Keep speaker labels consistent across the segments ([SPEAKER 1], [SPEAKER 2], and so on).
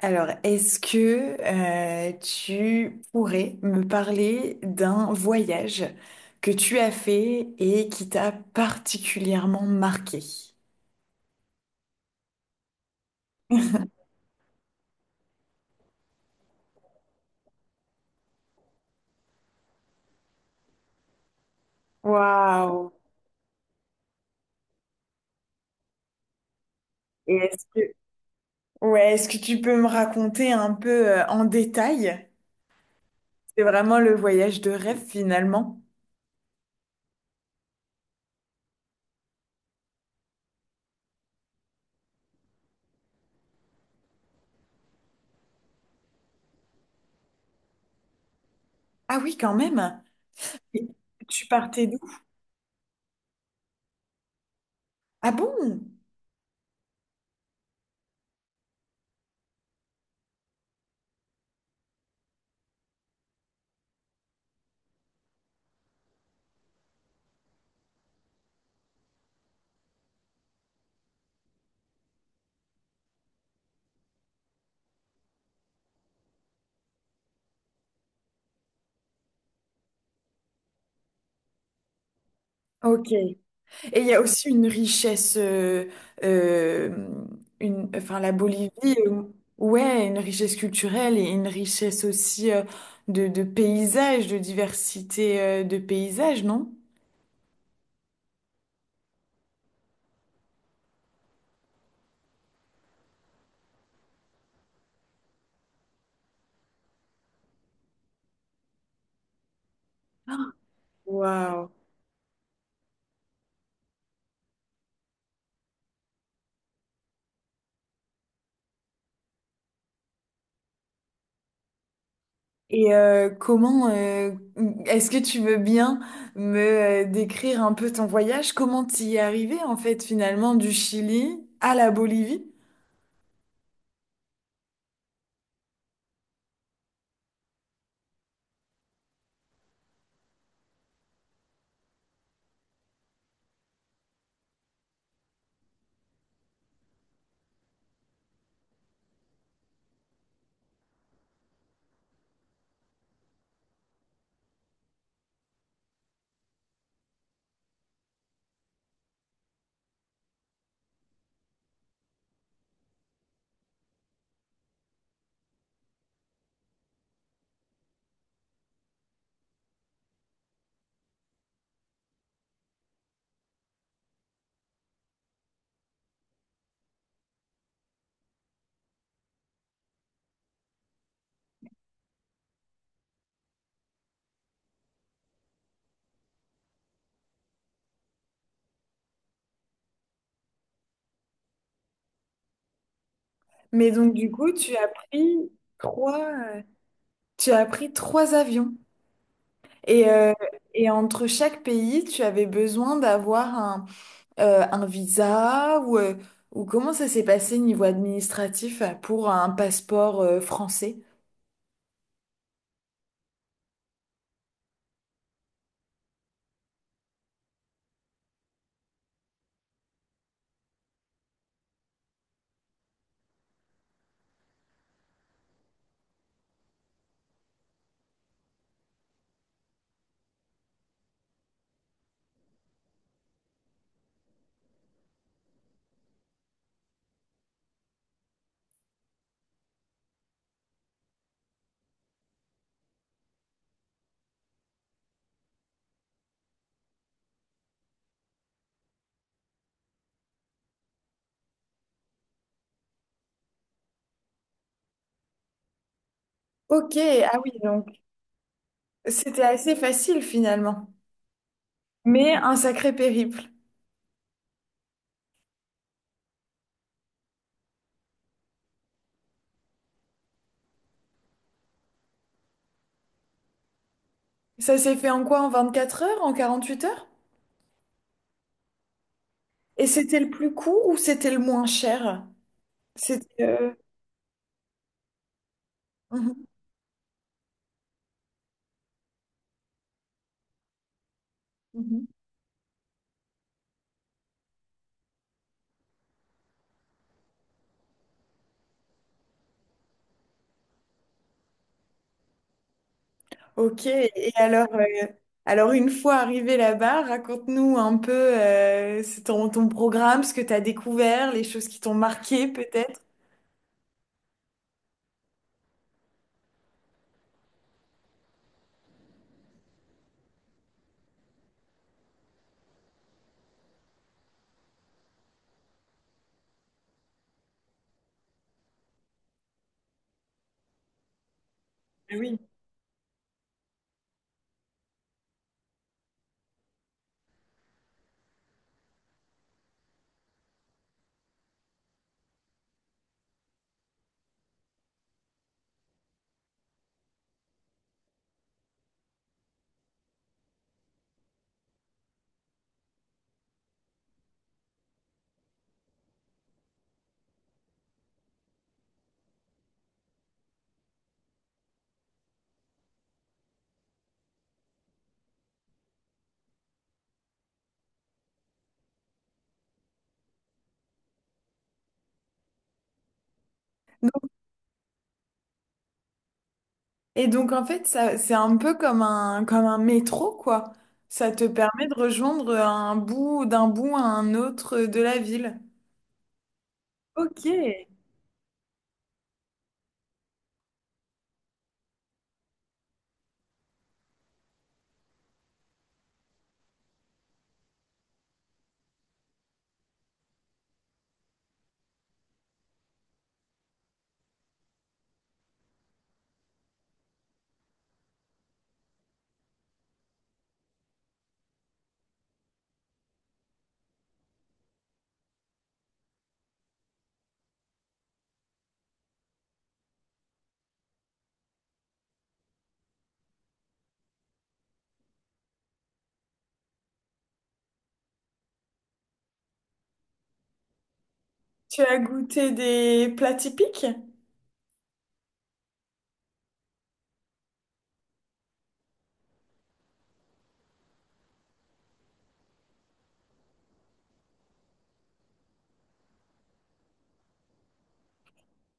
[SPEAKER 1] Alors, est-ce que tu pourrais me parler d'un voyage que tu as fait et qui t'a particulièrement marqué? Waouh! Et est-ce que, ouais, Est-ce que tu peux me raconter un peu en détail? C'est vraiment le voyage de rêve finalement. Ah oui, quand même. Et Tu partais d'où? Ah bon? Ok. Et il y a aussi une richesse, euh, une, enfin la Bolivie, euh, ouais, une richesse culturelle et une richesse aussi de paysages, de diversité de paysages, non? Waouh. Et est-ce que tu veux bien me décrire un peu ton voyage? Comment t'y es arrivé en fait finalement du Chili à la Bolivie? Mais donc du coup, trois, euh, tu as pris trois avions. Et, euh, et entre chaque pays, tu avais besoin d'avoir un visa ou comment ça s'est passé niveau administratif pour un passeport français? Ok, ah oui, donc c'était assez facile finalement, mais un sacré périple. Ça s'est fait en quoi? En 24 heures? En 48 heures? Et c'était le plus court ou c'était le moins cher? C'était... euh, mhm, mhm. Ok, et alors une fois arrivé là-bas, raconte-nous un peu c'est ton, ton programme, ce que tu as découvert, les choses qui t'ont marqué peut-être. Ah oui. Et donc en fait, ça, c'est un peu comme un métro, quoi. Ça te permet de rejoindre un bout d'un bout à un autre de la ville. Ok. Tu as goûté des plats typiques?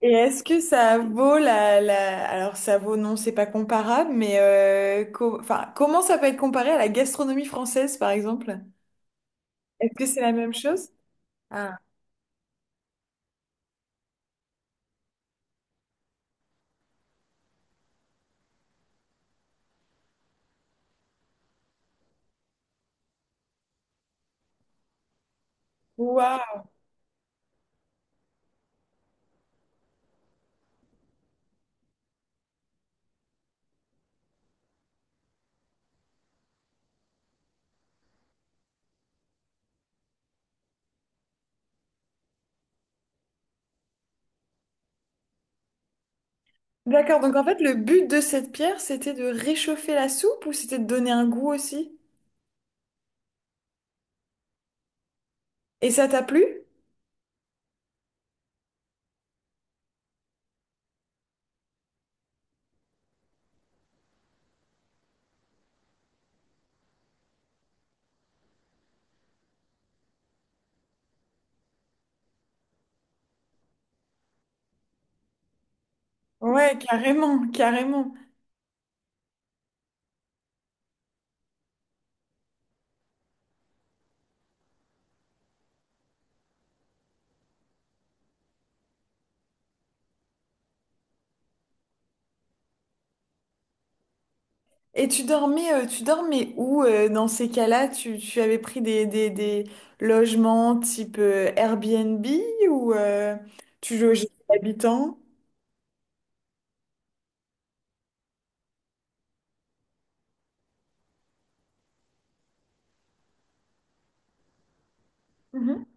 [SPEAKER 1] Et est-ce que ça vaut la, la... Alors ça vaut, non, c'est pas comparable, mais co- enfin, comment ça peut être comparé à la gastronomie française, par exemple? Est-ce que c'est la même chose? Ah, waouh! D'accord, donc en fait, le but de cette pierre, c'était de réchauffer la soupe ou c'était de donner un goût aussi? Et ça t'a plu? Ouais, carrément, carrément. Et tu tu dormais où dans ces cas-là? Tu avais pris des logements type Airbnb ou tu logeais des habitants? Mhm.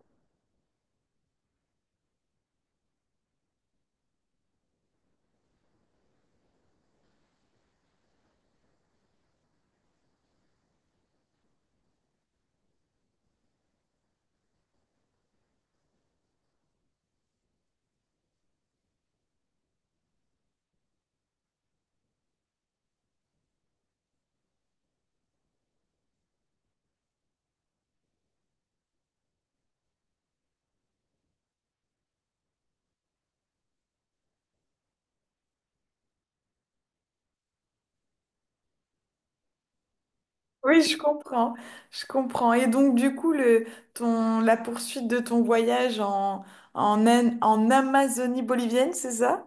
[SPEAKER 1] Oui, je comprends, je comprends. Et donc du coup, la poursuite de ton voyage en Amazonie bolivienne, c'est ça?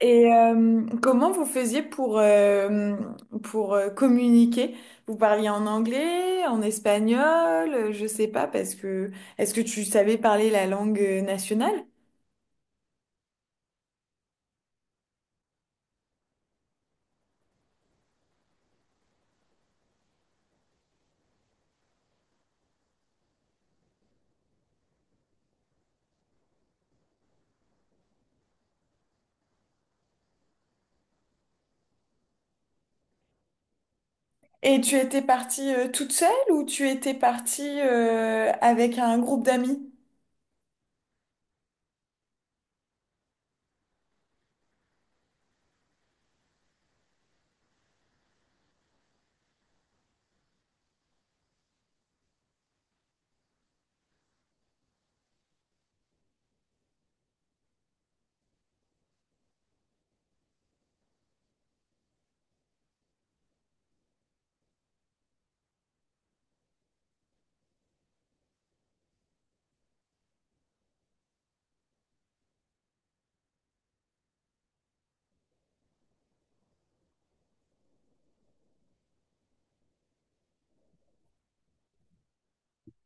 [SPEAKER 1] Et comment, vous faisiez pour communiquer? Vous parliez en anglais, en espagnol, je sais pas, parce que est-ce que tu savais parler la langue nationale? Et tu étais partie toute seule ou tu étais partie avec un groupe d'amis?